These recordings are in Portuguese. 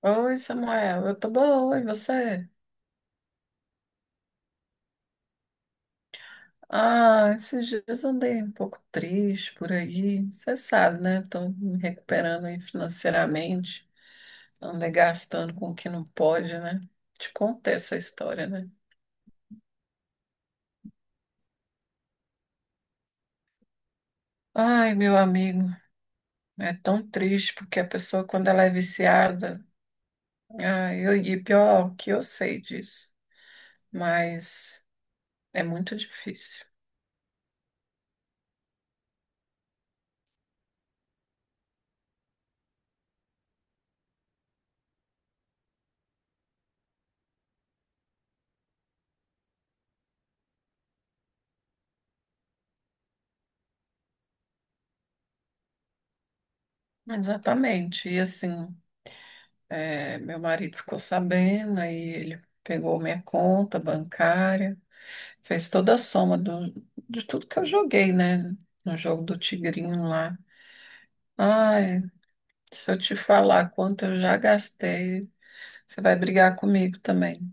Oi, Samuel, eu tô boa, e você? Ah, esses dias eu andei um pouco triste por aí. Você sabe, né? Tô me recuperando aí financeiramente. Andei gastando com o que não pode, né? Te contei essa história, né? Ai, meu amigo, é tão triste porque a pessoa, quando ela é viciada, e pior que eu sei disso, mas é muito difícil. Exatamente, e assim. É, meu marido ficou sabendo, aí ele pegou minha conta bancária, fez toda a soma do, de tudo que eu joguei, né? No jogo do Tigrinho lá. Ai, se eu te falar quanto eu já gastei, você vai brigar comigo também.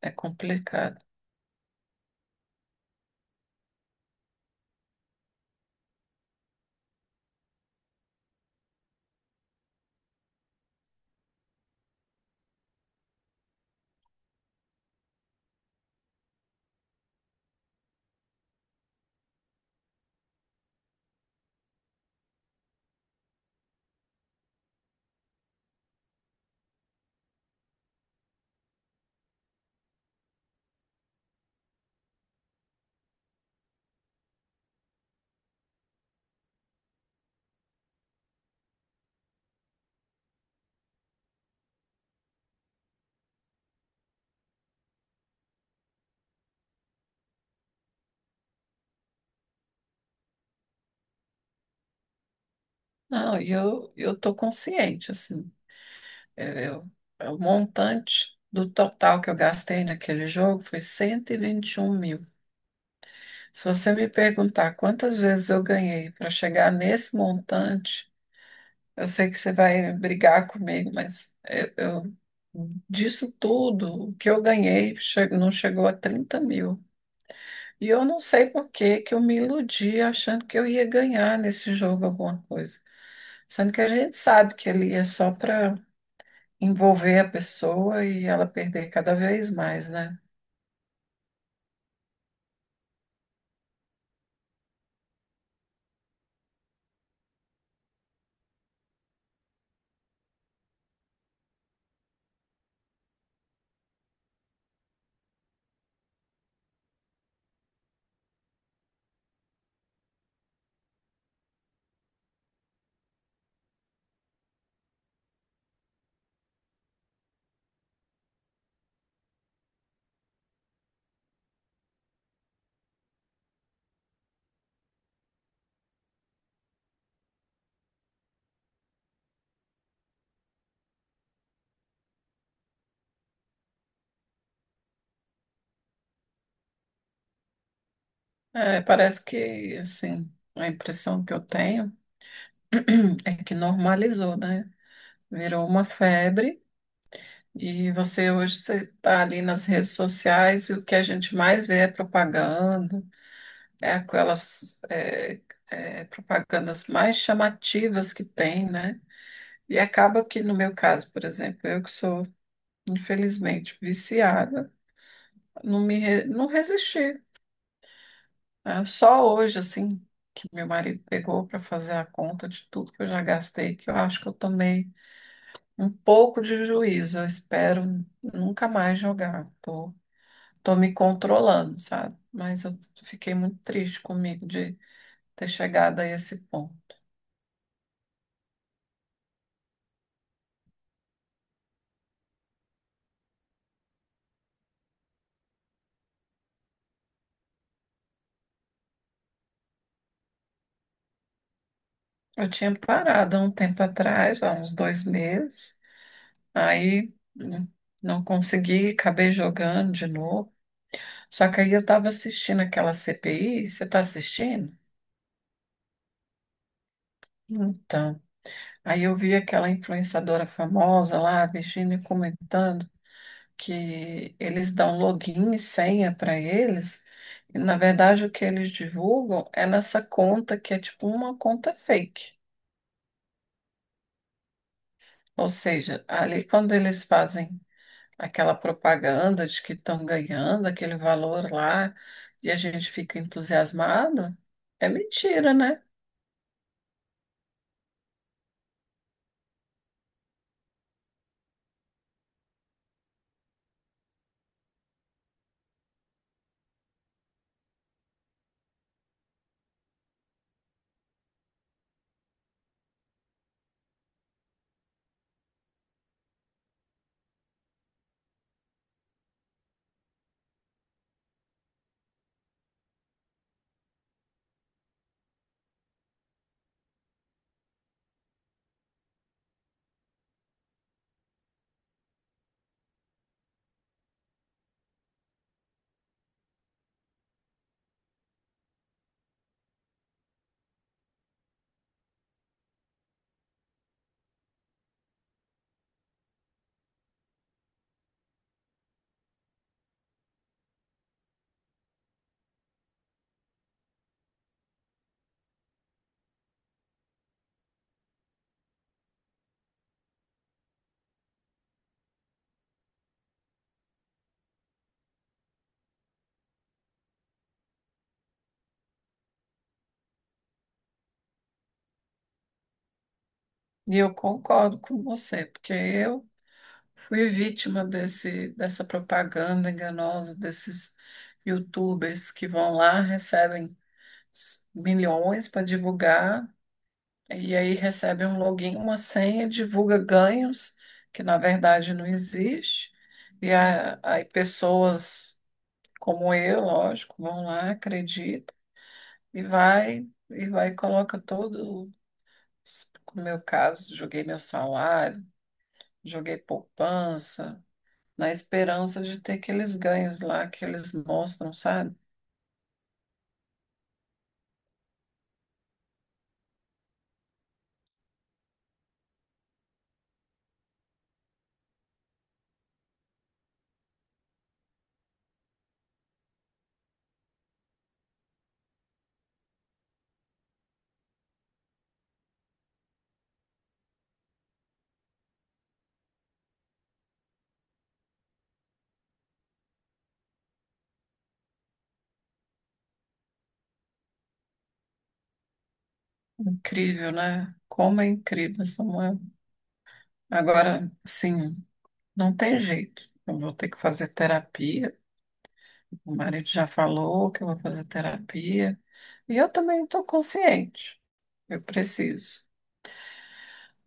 É complicado. Não, e eu tô consciente, assim. É, é o montante do total que eu gastei naquele jogo foi cento e vinte e um mil. Se você me perguntar quantas vezes eu ganhei para chegar nesse montante, eu sei que você vai brigar comigo, disso tudo, o que eu ganhei não chegou a 30.000. E eu não sei por que que eu me iludi achando que eu ia ganhar nesse jogo alguma coisa. Sendo que a gente sabe que ele é só para envolver a pessoa e ela perder cada vez mais, né? É, parece que, assim, a impressão que eu tenho é que normalizou, né? Virou uma febre. E você hoje você está ali nas redes sociais e o que a gente mais vê é propaganda, é aquelas propagandas mais chamativas que tem, né? E acaba que no meu caso, por exemplo, eu que sou infelizmente viciada, não resisti. Né? Só hoje assim que meu marido pegou para fazer a conta de tudo que eu já gastei, que eu acho que eu tomei um pouco de juízo. Eu espero nunca mais jogar. Tô me controlando, sabe? Mas eu fiquei muito triste comigo de ter chegado a esse ponto. Eu tinha parado há um tempo atrás, há uns 2 meses, aí né, não consegui, acabei jogando de novo. Só que aí eu estava assistindo aquela CPI, você está assistindo? Então, aí eu vi aquela influenciadora famosa lá, a Virginia, comentando que eles dão login e senha para eles. E, na verdade, o que eles divulgam é nessa conta que é tipo uma conta fake. Ou seja, ali quando eles fazem aquela propaganda de que estão ganhando aquele valor lá e a gente fica entusiasmado, é mentira, né? E eu concordo com você, porque eu fui vítima dessa propaganda enganosa desses YouTubers que vão lá, recebem bilhões para divulgar, e aí recebe um login, uma senha, divulga ganhos, que na verdade não existe, e aí pessoas como eu, lógico, vão lá, acreditam, e vai, e vai e coloca todo, no meu caso, joguei meu salário, joguei poupança, na esperança de ter aqueles ganhos lá que eles mostram, sabe? Incrível, né? Como é incrível, Samuel. Agora, sim. Não tem jeito. Eu vou ter que fazer terapia. O marido já falou que eu vou fazer terapia. E eu também estou consciente. Eu preciso.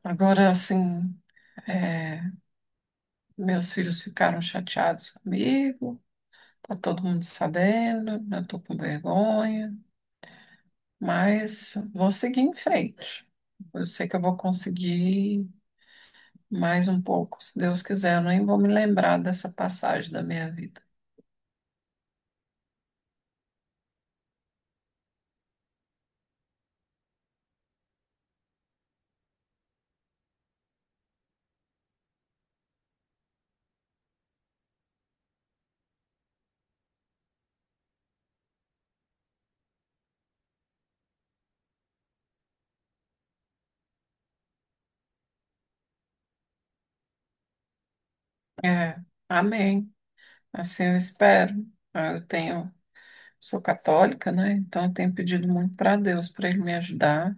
Agora, assim, é, meus filhos ficaram chateados comigo. Tá todo mundo sabendo. Eu estou com vergonha. Mas vou seguir em frente. Eu sei que eu vou conseguir mais um pouco, se Deus quiser. Eu nem vou me lembrar dessa passagem da minha vida. É, amém. Assim eu espero. Ah, eu tenho, sou católica, né? Então eu tenho pedido muito para Deus para ele me ajudar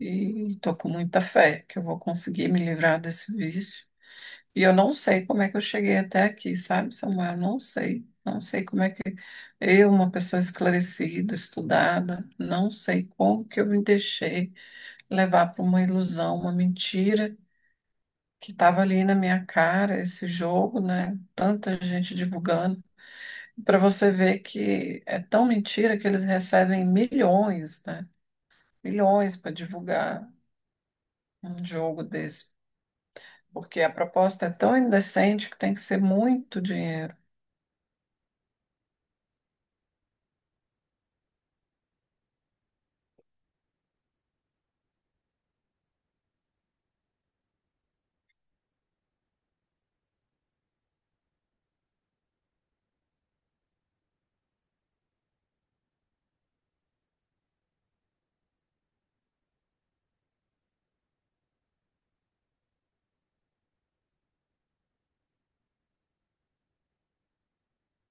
e estou com muita fé que eu vou conseguir me livrar desse vício. E eu não sei como é que eu cheguei até aqui, sabe, Samuel? Não sei. Não sei como é que eu, uma pessoa esclarecida, estudada, não sei como que eu me deixei levar para uma ilusão, uma mentira que estava ali na minha cara, esse jogo, né? Tanta gente divulgando. Para você ver que é tão mentira que eles recebem milhões, né? Milhões para divulgar um jogo desse, porque a proposta é tão indecente que tem que ser muito dinheiro.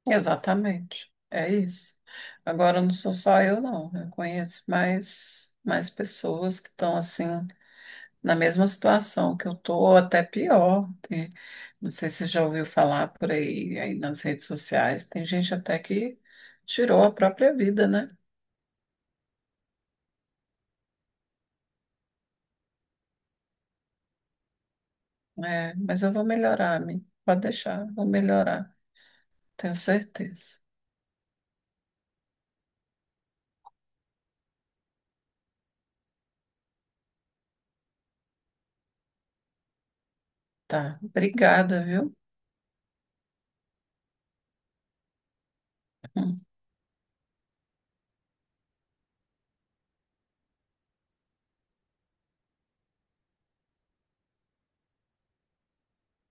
Exatamente, é isso. Agora não sou só eu, não. Eu conheço mais pessoas que estão assim na mesma situação que eu tô, até pior. Não sei se você já ouviu falar por aí, nas redes sociais. Tem gente até que tirou a própria vida, né? É, mas eu vou melhorar, amigo. Pode deixar, vou melhorar. Tenho certeza. Tá. Obrigada, viu? Hum.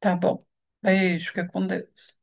Tá bom. Beijo, fica com Deus.